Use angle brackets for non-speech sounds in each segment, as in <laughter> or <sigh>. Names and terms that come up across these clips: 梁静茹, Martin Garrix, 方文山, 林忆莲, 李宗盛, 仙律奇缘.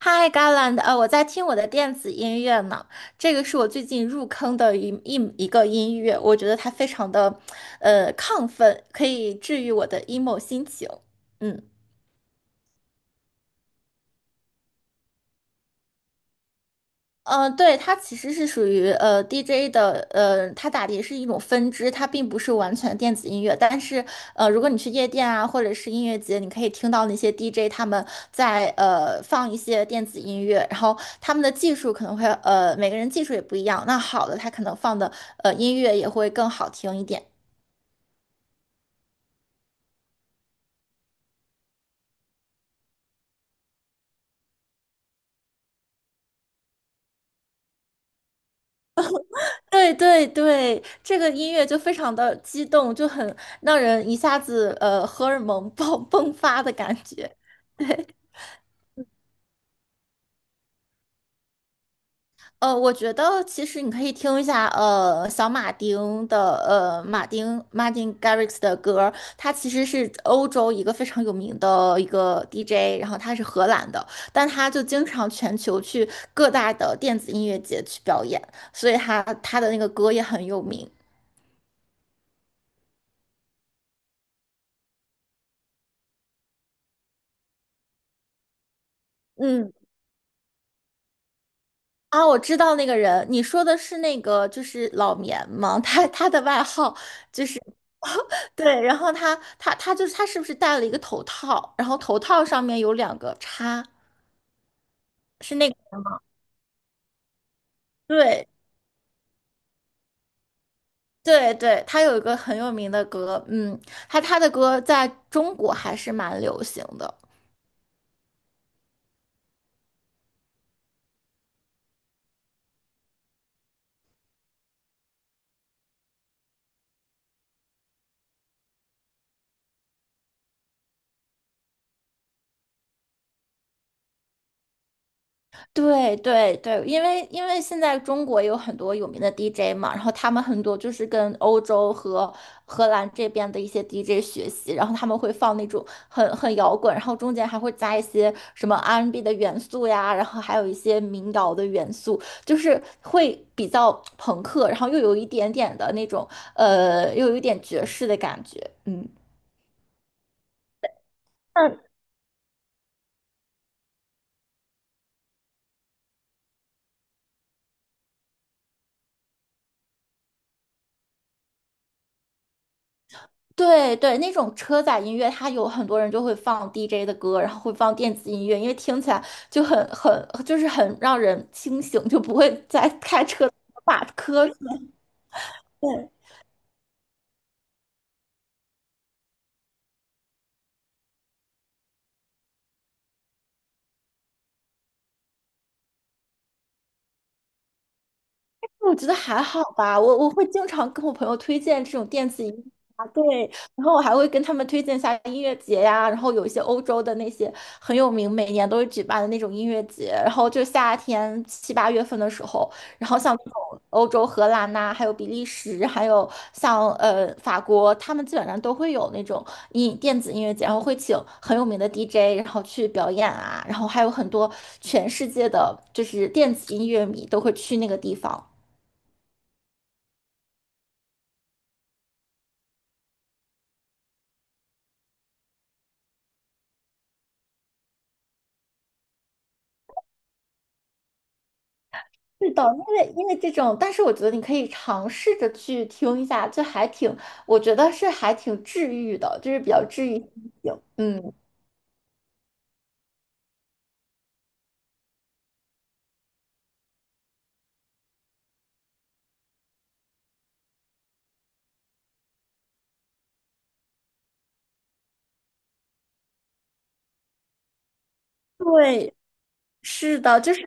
Hi Garland，我在听我的电子音乐呢，这个是我最近入坑的一个音乐，我觉得它非常的，亢奋，可以治愈我的 emo 心情。嗯。对，它其实是属于DJ 的，它打碟是一种分支，它并不是完全电子音乐。但是，如果你去夜店啊，或者是音乐节，你可以听到那些 DJ 他们在放一些电子音乐，然后他们的技术可能会每个人技术也不一样，那好的他可能放的音乐也会更好听一点。对对对，这个音乐就非常的激动，就很让人一下子荷尔蒙爆 <laughs> 迸发的感觉。我觉得其实你可以听一下，小马丁的，马丁 Martin Garrix 的歌，他其实是欧洲一个非常有名的一个 DJ，然后他是荷兰的，但他就经常全球去各大的电子音乐节去表演，所以他的那个歌也很有名。嗯。啊，我知道那个人，你说的是那个就是老棉吗？他的外号就是 <laughs> 对，然后他就是他是不是戴了一个头套？然后头套上面有两个叉，是那个，对对对，他有一个很有名的歌，嗯，他的歌在中国还是蛮流行的。对对对，因为现在中国有很多有名的 DJ 嘛，然后他们很多就是跟欧洲和荷兰这边的一些 DJ 学习，然后他们会放那种很摇滚，然后中间还会加一些什么 R&B n 的元素呀，然后还有一些民谣的元素，就是会比较朋克，然后又有一点点的那种又有一点爵士的感觉，嗯。对对，那种车载音乐，它有很多人就会放 DJ 的歌，然后会放电子音乐，因为听起来就很就是很让人清醒，就不会在开车把瞌睡。我觉得还好吧，我会经常跟我朋友推荐这种电子音乐啊，对，然后我还会跟他们推荐一下音乐节呀，然后有一些欧洲的那些很有名，每年都会举办的那种音乐节，然后就夏天七八月份的时候，然后像这种欧洲荷兰呐、还有比利时，还有像法国，他们基本上都会有那种电子音乐节，然后会请很有名的 DJ，然后去表演啊，然后还有很多全世界的就是电子音乐迷都会去那个地方。是的，因为这种，但是我觉得你可以尝试着去听一下，就还挺，我觉得是还挺治愈的，就是比较治愈心情。嗯，对，是的，就是。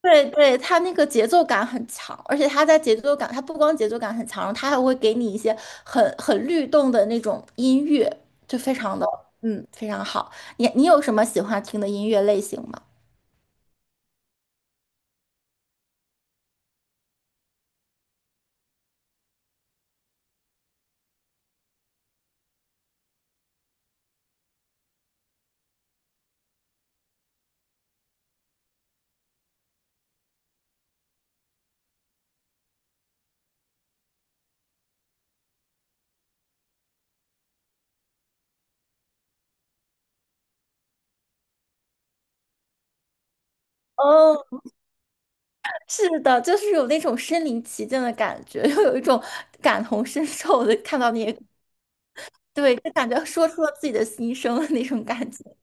对对，它那个节奏感很强，而且它在节奏感，它不光节奏感很强，它还会给你一些很律动的那种音乐，就非常的非常好。你有什么喜欢听的音乐类型吗？哦，是的，就是有那种身临其境的感觉，<laughs> 又有一种感同身受的看到你，对，就感觉说出了自己的心声的那种感觉。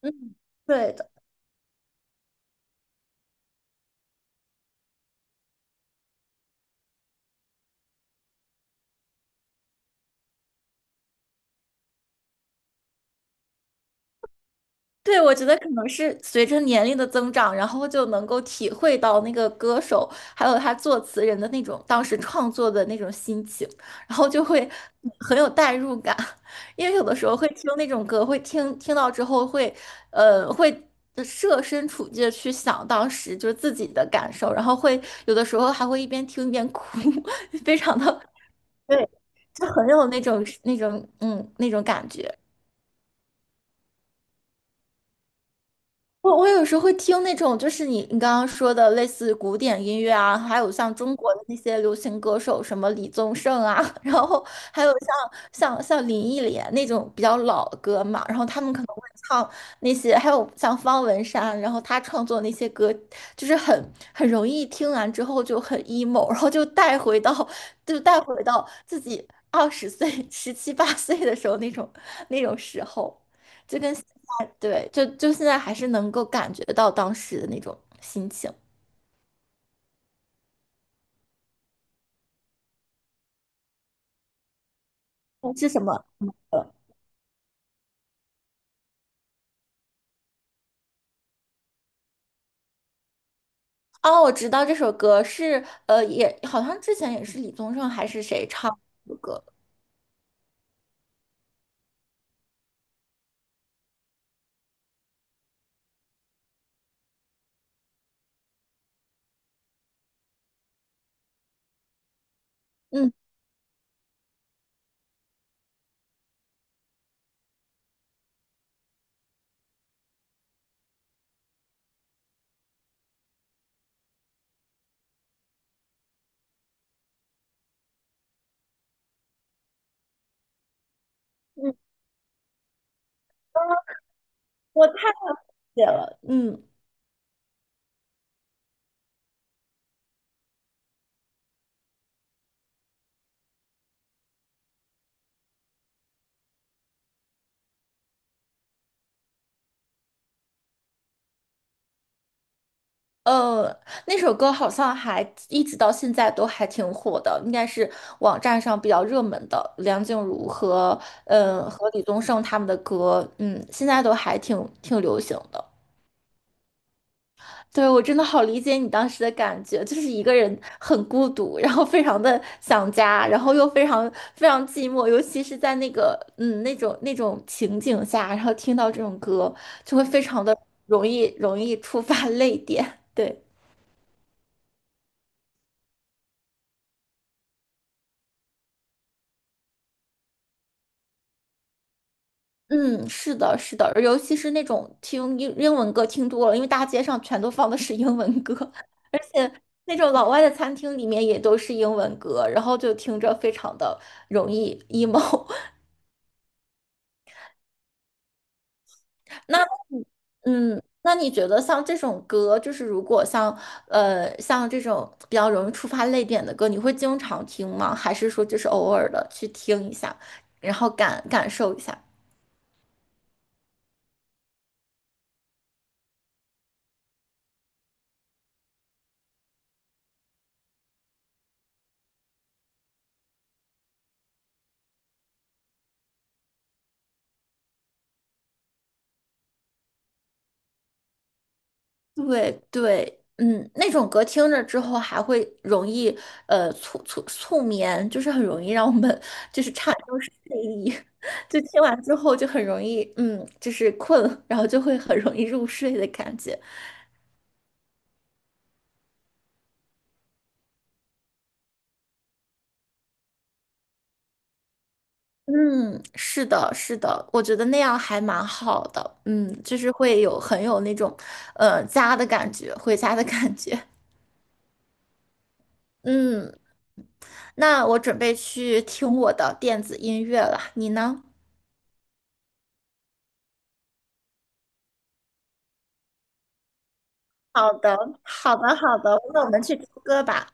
嗯，对的。对，我觉得可能是随着年龄的增长，然后就能够体会到那个歌手还有他作词人的那种当时创作的那种心情，然后就会很有代入感。<laughs> 因为有的时候会听那种歌，会听到之后会，会设身处地的去想当时就是自己的感受，然后会有的时候还会一边听一边哭，<laughs> 非常的，对，就很有那种感觉。我有时候会听那种，就是你刚刚说的类似古典音乐啊，还有像中国的那些流行歌手，什么李宗盛啊，<laughs> 然后还有像林忆莲那种比较老的歌嘛，然后他们可能会唱那些，还有像方文山，然后他创作那些歌，就是很容易听完之后就很 emo，然后就带回到自己20岁、17、18岁的时候那种那种时候，就跟。对，就现在还是能够感觉到当时的那种心情。哦是什么？哦，我知道这首歌是也好像之前也是李宗盛还是谁唱的歌。嗯，写了，嗯。呃，那首歌好像还一直到现在都还挺火的，应该是网站上比较热门的梁静茹和和李宗盛他们的歌，嗯，现在都还挺流行的。对，我真的好理解你当时的感觉，就是一个人很孤独，然后非常的想家，然后又非常非常寂寞，尤其是在那个那种那种情景下，然后听到这种歌，就会非常的容易触发 <laughs> 泪点。对，嗯，是的，是的，尤其是那种听英文歌听多了，因为大街上全都放的是英文歌，<laughs> 而且那种老外的餐厅里面也都是英文歌，然后就听着非常的容易 emo。那那你觉得像这种歌，就是如果像像这种比较容易触发泪点的歌，你会经常听吗？还是说就是偶尔的去听一下，然后感受一下？对对，嗯，那种歌听着之后还会容易促眠，就是很容易让我们就是产生睡意，<laughs> 就听完之后就很容易就是困，然后就会很容易入睡的感觉。嗯，是的，是的，我觉得那样还蛮好的。嗯，就是会有很有那种，家的感觉，回家的感觉。<laughs> 嗯，那我准备去听我的电子音乐了，你呢？好的，好的，好的，那我们去听歌吧。